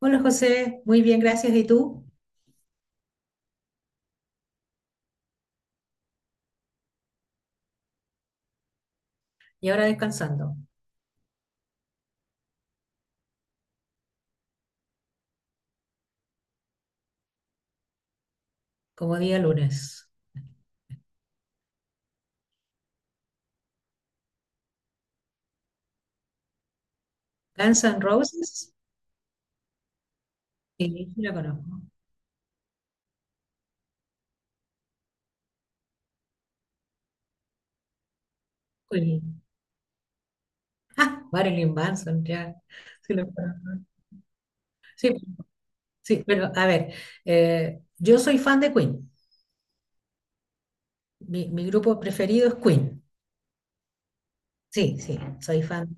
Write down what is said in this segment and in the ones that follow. Hola José, muy bien, gracias. ¿Y tú? Y ahora descansando, como día lunes. Guns N' Roses, sí, sí la conozco. Uy, ah, Marilyn Manson, ya. Sí, la conozco. Sí, sí, pero a ver, yo soy fan de Queen. Mi grupo preferido es Queen. Sí, sí, soy fan.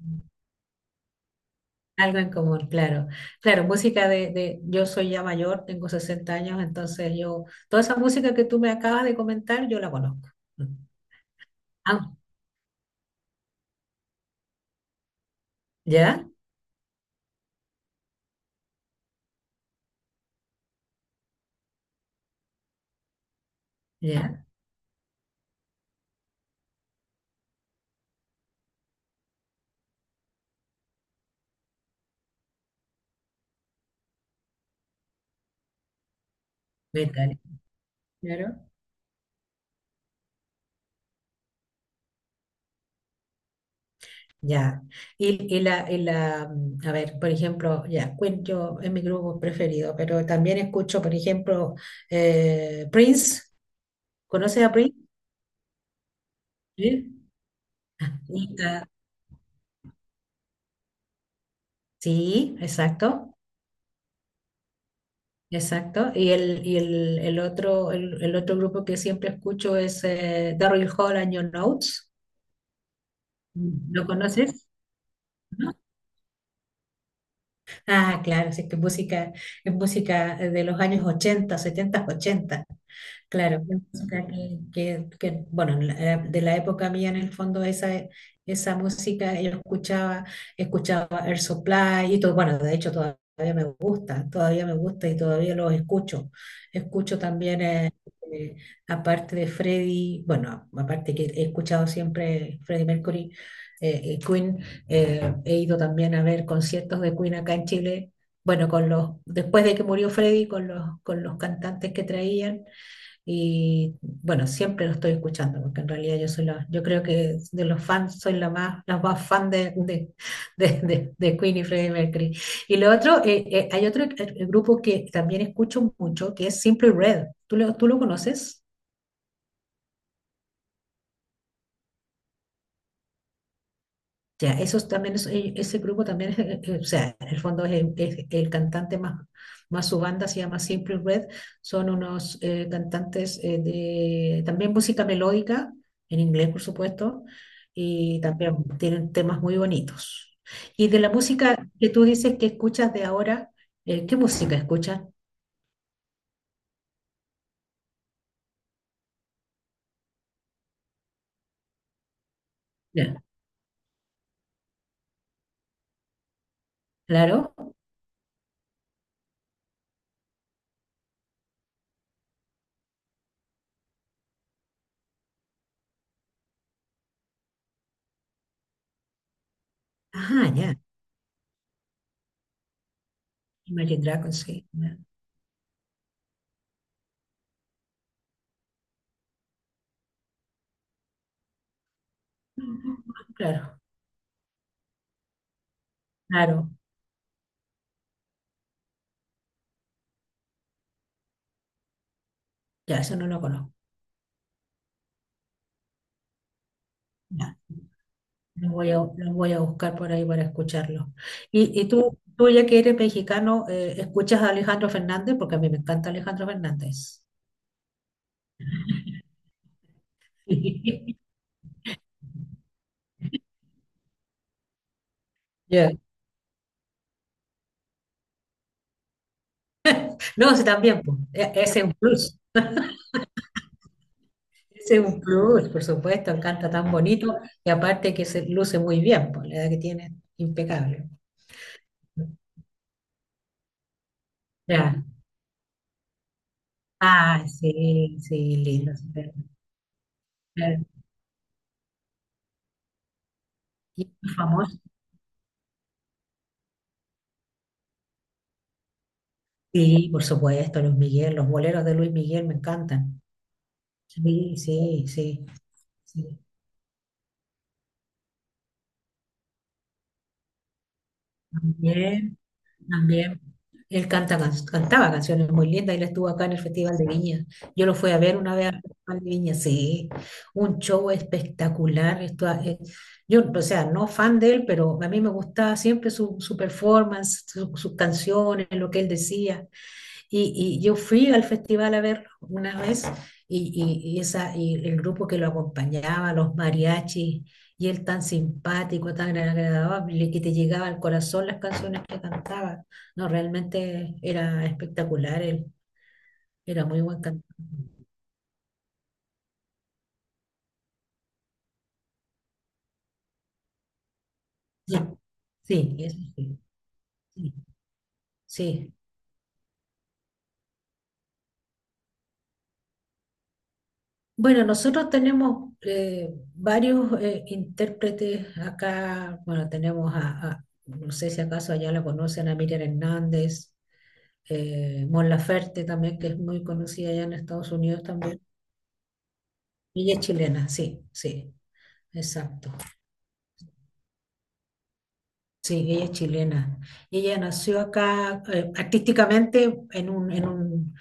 Algo en común, claro. Claro, música yo soy ya mayor, tengo 60 años, entonces yo, toda esa música que tú me acabas de comentar, yo la conozco. Ah, ¿ya? ¿Ya? Metal, claro. Ya. Y la, a ver, por ejemplo, ya, Queen yo es mi grupo preferido, pero también escucho, por ejemplo, Prince. ¿Conoces a Prince? Sí. Y, ah, sí, exacto, exacto. Y el otro grupo que siempre escucho es Daryl Hall and Your Notes. ¿Lo conoces? ¿No? Ah, claro, sí, que música, es música de los años 80, 70, 80. Claro, es música que, bueno, de la época mía en el fondo esa, esa música yo escuchaba Air Supply y todo, bueno, de hecho todavía me gusta y todavía los escucho. Escucho también, eh, aparte de Freddie, bueno, aparte que he escuchado siempre Freddie Mercury, Queen, he ido también a ver conciertos de Queen acá en Chile. Bueno, después de que murió Freddy, con los cantantes que traían, y bueno, siempre lo estoy escuchando, porque en realidad yo creo que de los fans soy la más fan de Queen y Freddie Mercury. Y lo otro, hay otro grupo que también escucho mucho, que es Simply Red. ¿Tú lo conoces? Ya, esos también ese grupo también o sea, en el fondo es el cantante más su banda se llama Simple Red, son unos cantantes de también música melódica, en inglés por supuesto, y también tienen temas muy bonitos. Y de la música que tú dices que escuchas de ahora, ¿qué música escuchas? Ya, claro. Ajá, ya. Imagine Dragons, sí. Ya. Claro, claro. Ya, eso no lo conozco. Los voy a buscar por ahí para escucharlos. Y tú, ya que eres mexicano, ¿escuchas a Alejandro Fernández? Porque a mí me encanta Alejandro Fernández. Ya. No, sí, también, pues, ese es un plus. Ese es un plus, por supuesto, canta tan bonito y aparte que se luce muy bien, por la edad que tiene, impecable. Ya. Ah, sí, sí, lindo. Súper. Ya. Y famoso, sí, por supuesto, Luis Miguel, los boleros de Luis Miguel me encantan. Sí, sí, sí. Sí. También, también. Él canta, cantaba canciones muy lindas. Él estuvo acá en el Festival de Viña. Yo lo fui a ver una vez al Festival de Viña, sí. Un show espectacular. Esto, yo, o sea, no fan de él, pero a mí me gustaba siempre su performance, sus canciones, lo que él decía. Y yo fui al festival a verlo una vez y el grupo que lo acompañaba, los mariachis, y él tan simpático, tan agradable, que te llegaba al corazón las canciones que cantaba. No, realmente era espectacular él, era muy buen cantante. Sí, sí, eso sí, sí, sí. Bueno, nosotros tenemos varios intérpretes acá, bueno, tenemos no sé si acaso allá la conocen, a Miriam Hernández, Mon Laferte también, que es muy conocida allá en Estados Unidos también. Ella es chilena, sí, sí, exacto. Sí, ella es chilena. Ella nació acá artísticamente en un, en un,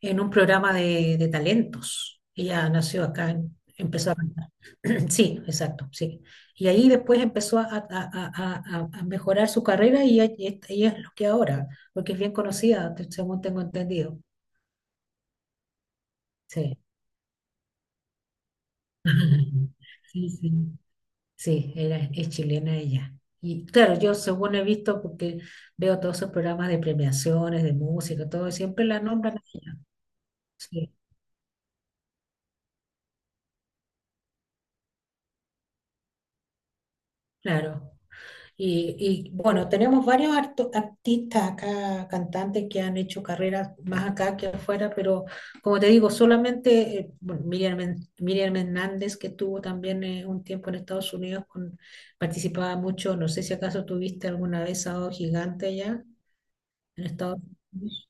en un programa de talentos. Ella nació acá, empezó a cantar. Sí, exacto, sí. Y ahí después empezó a mejorar su carrera y ella es lo que ahora, porque es bien conocida, según tengo entendido. Sí. Sí, sí. Sí, era, es chilena ella. Y claro, yo según he visto, porque veo todos esos programas de premiaciones, de música, todo, y siempre la nombran a ella. Sí, claro. Bueno, tenemos varios artistas acá, cantantes que han hecho carreras más acá que afuera, pero como te digo, solamente bueno, Miriam, Miriam Hernández, que estuvo también un tiempo en Estados Unidos, participaba mucho, no sé si acaso tuviste alguna vez Sábado Gigante allá en Estados Unidos.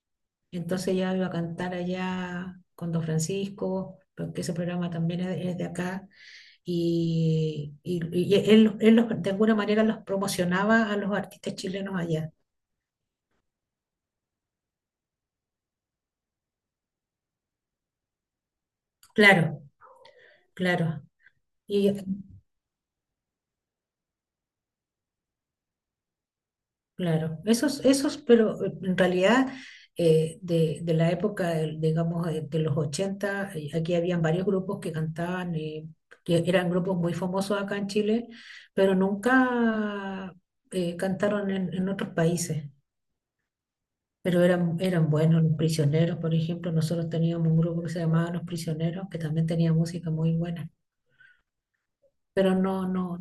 Entonces ya iba a cantar allá con Don Francisco, porque ese programa también es de acá, y él de alguna manera los promocionaba a los artistas chilenos allá. Claro, claro, y claro, esos, pero en realidad de la época, digamos, de los 80 aquí habían varios grupos que cantaban, que eran grupos muy famosos acá en Chile, pero nunca cantaron en otros países. Pero eran buenos los prisioneros, por ejemplo, nosotros teníamos un grupo que se llamaba Los Prisioneros, que también tenía música muy buena, pero no, no,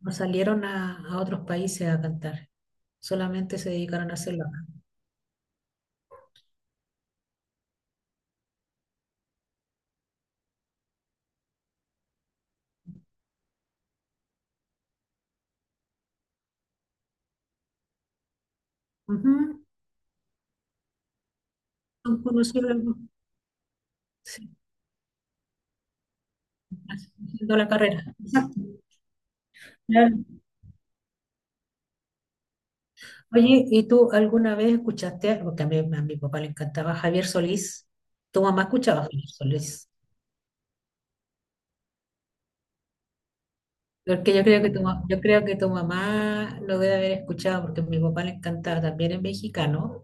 no salieron a otros países a cantar, solamente se dedicaron a hacerlo acá. Ujú. Son conocidos, sí, haciendo la carrera. Exacto, claro. Oye, ¿y tú alguna vez escuchaste, algo? Porque a mi papá le encantaba Javier Solís, ¿tu mamá escuchaba a Javier Solís? Porque yo creo que tu mamá lo debe haber escuchado porque a mi papá le encantaba, también es mexicano.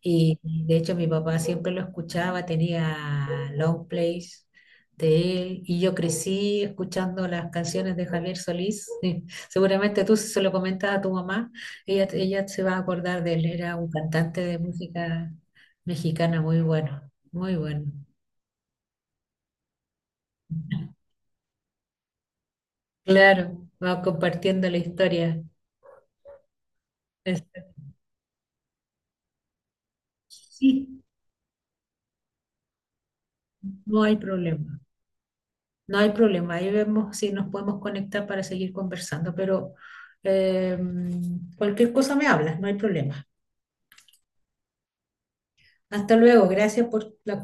Y de hecho mi papá siempre lo escuchaba, tenía long plays de él. Y yo crecí escuchando las canciones de Javier Solís. Seguramente tú si se lo comentas a tu mamá, ella se va a acordar de él. Era un cantante de música mexicana muy bueno, muy bueno. Claro, vamos compartiendo la historia. Este, Sí, no hay problema. No hay problema, ahí vemos si nos podemos conectar para seguir conversando, pero eh, cualquier cosa me hablas, no hay problema. Hasta luego, gracias por la